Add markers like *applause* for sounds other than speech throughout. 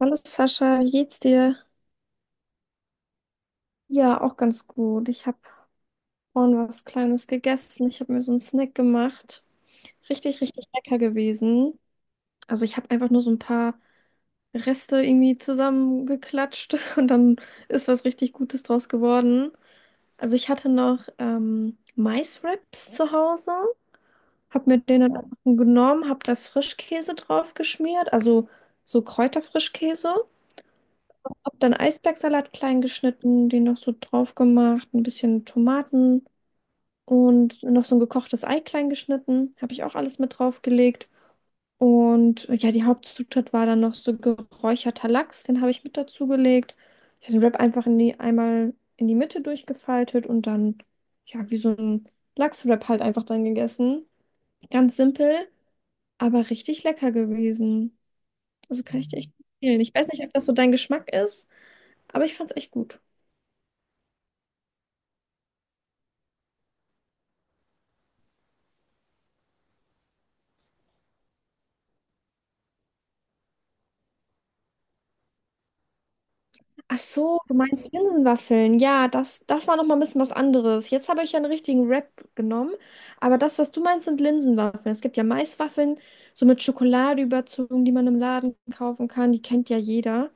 Hallo Sascha, wie geht's dir? Ja, auch ganz gut. Ich habe vorhin was Kleines gegessen. Ich habe mir so einen Snack gemacht. Richtig, richtig lecker gewesen. Also ich habe einfach nur so ein paar Reste irgendwie zusammengeklatscht *laughs* und dann ist was richtig Gutes draus geworden. Also ich hatte noch Maiswraps zu Hause, habe mir den dann einfach genommen, habe da Frischkäse drauf geschmiert, also so Kräuterfrischkäse. Hab dann Eisbergsalat klein geschnitten, den noch so drauf gemacht, ein bisschen Tomaten und noch so ein gekochtes Ei klein geschnitten. Habe ich auch alles mit draufgelegt. Und ja, die Hauptzutat war dann noch so geräucherter Lachs, den habe ich mit dazugelegt. Ich habe den Wrap einfach in die, einmal in die Mitte durchgefaltet und dann, ja, wie so ein Lachswrap halt einfach dann gegessen. Ganz simpel, aber richtig lecker gewesen. Also kann ich dir echt empfehlen. Ich weiß nicht, ob das so dein Geschmack ist, aber ich fand es echt gut. Ach so, du meinst Linsenwaffeln. Ja, das war noch mal ein bisschen was anderes. Jetzt habe ich ja einen richtigen Wrap genommen, aber das, was du meinst, sind Linsenwaffeln. Es gibt ja Maiswaffeln, so mit Schokolade überzogen, die man im Laden kaufen kann. Die kennt ja jeder.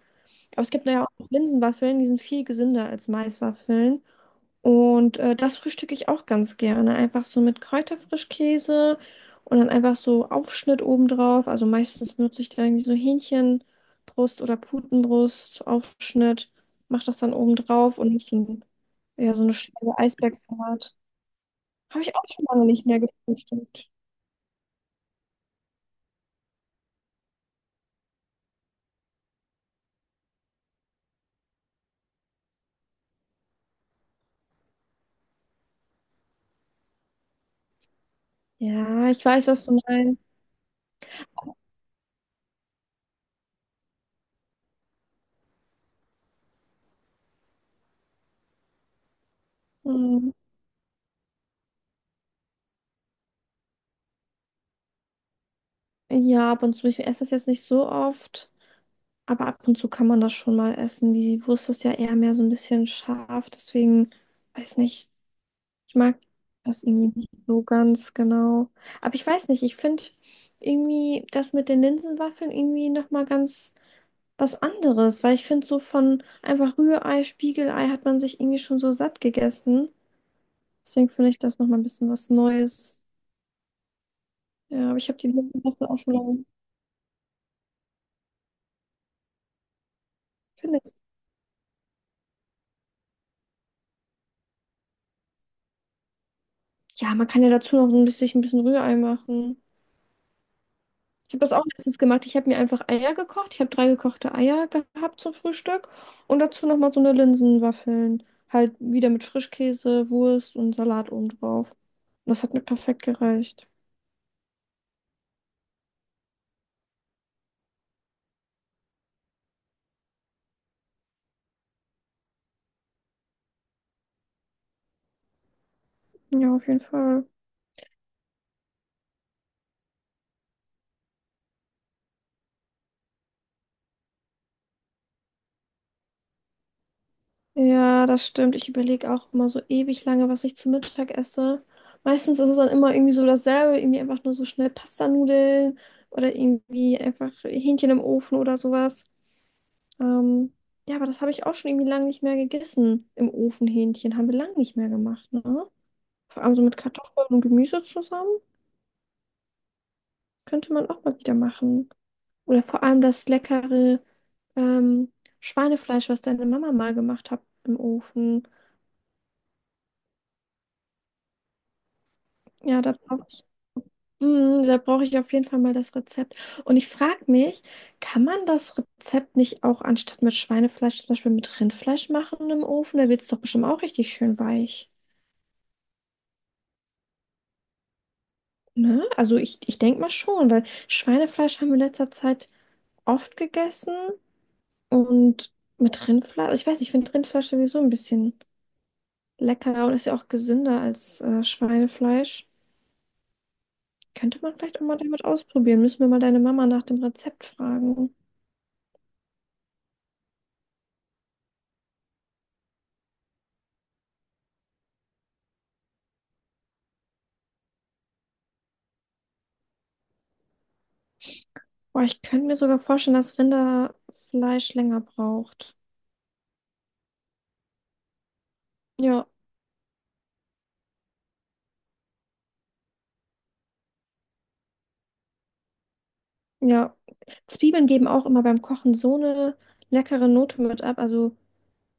Aber es gibt ja auch Linsenwaffeln, die sind viel gesünder als Maiswaffeln. Und das frühstücke ich auch ganz gerne. Einfach so mit Kräuterfrischkäse und dann einfach so Aufschnitt obendrauf. Also meistens benutze ich da irgendwie so Hähnchenbrust oder Putenbrust, Aufschnitt, mache das dann obendrauf und so, ein, ja, so eine Scheibe Eisbergsalat. Habe ich auch schon lange nicht mehr gefrühstückt. Ja, ich weiß, was du meinst. Hm. Ja, ab und zu, ich esse das jetzt nicht so oft, aber ab und zu kann man das schon mal essen. Die Wurst ist ja eher mehr so ein bisschen scharf, deswegen weiß nicht. Ich mag das irgendwie nicht so ganz genau. Aber ich weiß nicht, ich finde irgendwie das mit den Linsenwaffeln irgendwie nochmal ganz was anderes, weil ich finde so von einfach Rührei, Spiegelei hat man sich irgendwie schon so satt gegessen. Deswegen finde ich das nochmal ein bisschen was Neues. Ja, aber ich habe die Linsenwaffel auch schon lange. Findest. Ja, man kann ja dazu noch ein bisschen Rührei machen. Ich habe das auch letztens gemacht. Ich habe mir einfach Eier gekocht. Ich habe drei gekochte Eier gehabt zum Frühstück und dazu nochmal so eine Linsenwaffeln. Halt wieder mit Frischkäse, Wurst und Salat oben drauf. Und das hat mir perfekt gereicht. Ja, auf jeden Fall. Ja, das stimmt. Ich überlege auch immer so ewig lange, was ich zu Mittag esse. Meistens ist es dann immer irgendwie so dasselbe, irgendwie einfach nur so schnell Pastanudeln oder irgendwie einfach Hähnchen im Ofen oder sowas. Ähm, ja, aber das habe ich auch schon irgendwie lange nicht mehr gegessen im Ofenhähnchen. Haben wir lange nicht mehr gemacht, ne? Vor allem so mit Kartoffeln und Gemüse zusammen. Könnte man auch mal wieder machen. Oder vor allem das leckere ähm, Schweinefleisch, was deine Mama mal gemacht hat im Ofen. Ja, Mm, da brauche ich auf jeden Fall mal das Rezept. Und ich frage mich, kann man das Rezept nicht auch anstatt mit Schweinefleisch zum Beispiel mit Rindfleisch machen im Ofen? Da wird es doch bestimmt auch richtig schön weich. Ne? Also ich denke mal schon, weil Schweinefleisch haben wir in letzter Zeit oft gegessen und mit Rindfleisch, also ich weiß, ich finde Rindfleisch sowieso ein bisschen leckerer und ist ja auch gesünder als Schweinefleisch. Könnte man vielleicht auch mal damit ausprobieren. Müssen wir mal deine Mama nach dem Rezept fragen. Boah, ich könnte mir sogar vorstellen, dass Rinderfleisch länger braucht. Ja, ja. Zwiebeln geben auch immer beim Kochen so eine leckere Note mit ab. Also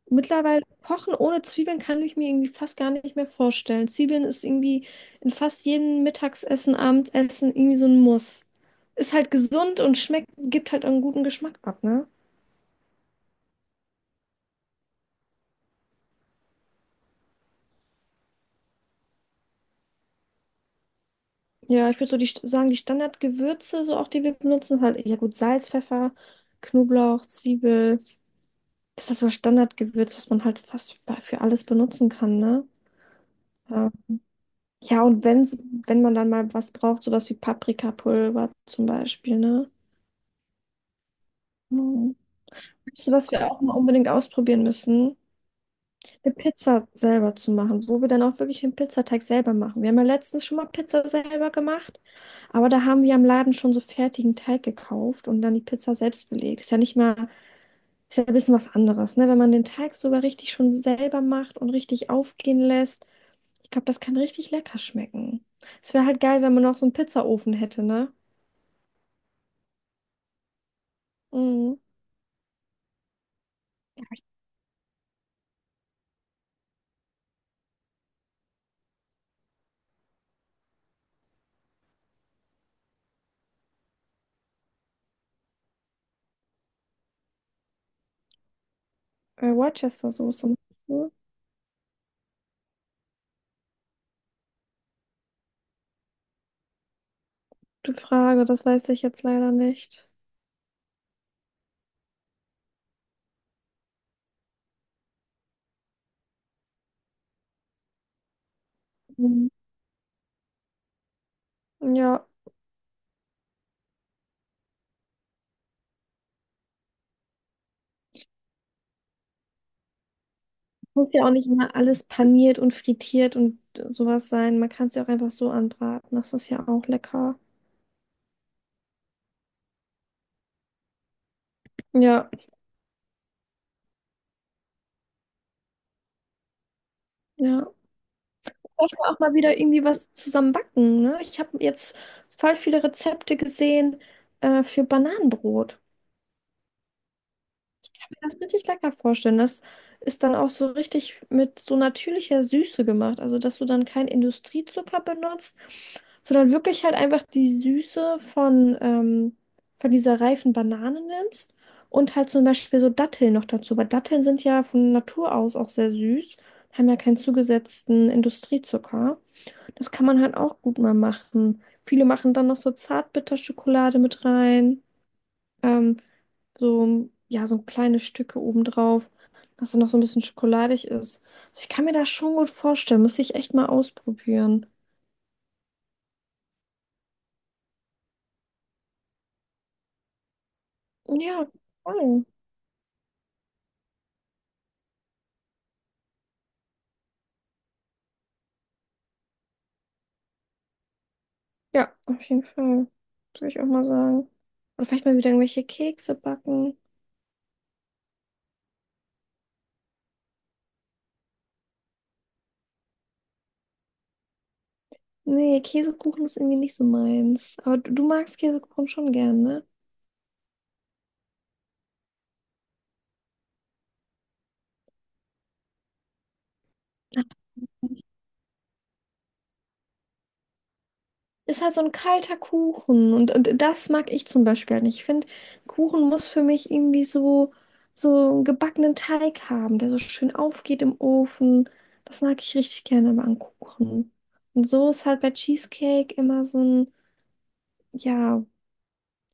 mittlerweile kochen ohne Zwiebeln kann ich mir irgendwie fast gar nicht mehr vorstellen. Zwiebeln ist irgendwie in fast jedem Mittagsessen, Abendessen irgendwie so ein Muss. Ist halt gesund und schmeckt, gibt halt einen guten Geschmack ab, ne? Ja, ich würde so sagen, die Standardgewürze, so auch die wir benutzen, halt, ja gut, Salz, Pfeffer, Knoblauch, Zwiebel. Das ist halt so das Standardgewürz, was man halt fast bei- für alles benutzen kann, ne? Ja, ja und wenn's, wenn man dann mal was braucht, sowas wie Paprikapulver zum Beispiel, ne? Mhm. Weißt du, was wir auch mal unbedingt ausprobieren müssen? Eine Pizza selber zu machen, wo wir dann auch wirklich den Pizzateig selber machen. Wir haben ja letztens schon mal Pizza selber gemacht, aber da haben wir am Laden schon so fertigen Teig gekauft und dann die Pizza selbst belegt. Ist ja nicht mal, ist ja ein bisschen was anderes, ne? Wenn man den Teig sogar richtig schon selber macht und richtig aufgehen lässt. Ich glaube, das kann richtig lecker schmecken. Es wäre halt geil, wenn man noch so einen Pizzaofen hätte, ne? Mhm. Worcester-Soße. Meinst du? Gute Frage, das weiß ich jetzt leider nicht. Mhm. Ja, muss ja auch nicht immer alles paniert und frittiert und sowas sein. Man kann es ja auch einfach so anbraten. Das ist ja auch lecker. Ja, ja. Ich auch mal wieder irgendwie was zusammen backen, ne? Ich habe jetzt voll viele Rezepte gesehen, für Bananenbrot. Das richtig lecker vorstellen. Das ist dann auch so richtig mit so natürlicher Süße gemacht. Also, dass du dann keinen Industriezucker benutzt, sondern wirklich halt einfach die Süße von dieser reifen Banane nimmst und halt zum Beispiel so Datteln noch dazu, weil Datteln sind ja von Natur aus auch sehr süß, haben ja keinen zugesetzten Industriezucker. Das kann man halt auch gut mal machen. Viele machen dann noch so Zartbitterschokolade mit rein. Ähm, so, ja, so kleine Stücke obendrauf, dass es noch so ein bisschen schokoladig ist. Also ich kann mir das schon gut vorstellen. Müsste ich echt mal ausprobieren. Ja, voll. Ja, auf jeden Fall. Würde ich auch mal sagen. Oder vielleicht mal wieder irgendwelche Kekse backen. Nee, Käsekuchen ist irgendwie nicht so meins. Aber du magst Käsekuchen schon gern, ne? Ist halt so ein kalter Kuchen und das mag ich zum Beispiel halt nicht. Ich finde, Kuchen muss für mich irgendwie so, so einen gebackenen Teig haben, der so schön aufgeht im Ofen. Das mag ich richtig gerne aber an Kuchen. Und so ist halt bei Cheesecake immer so ein, ja,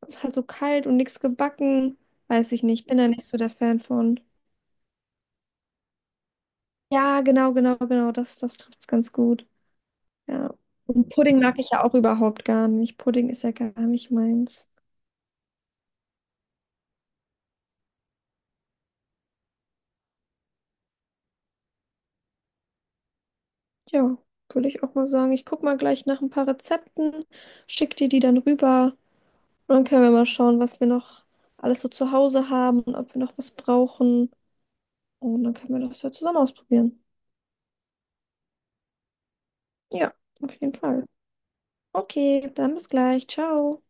ist halt so kalt und nichts gebacken. Weiß ich nicht, bin da nicht so der Fan von. Ja, genau, genau, genau, das trifft's ganz gut. Ja. Und Pudding mag ich ja auch überhaupt gar nicht. Pudding ist ja gar nicht meins. Ja, würde ich auch mal sagen. Ich guck mal gleich nach ein paar Rezepten, schick dir die dann rüber und dann können wir mal schauen, was wir noch alles so zu Hause haben und ob wir noch was brauchen. Und dann können wir das ja zusammen ausprobieren. Ja, auf jeden Fall. Okay, dann bis gleich. Ciao.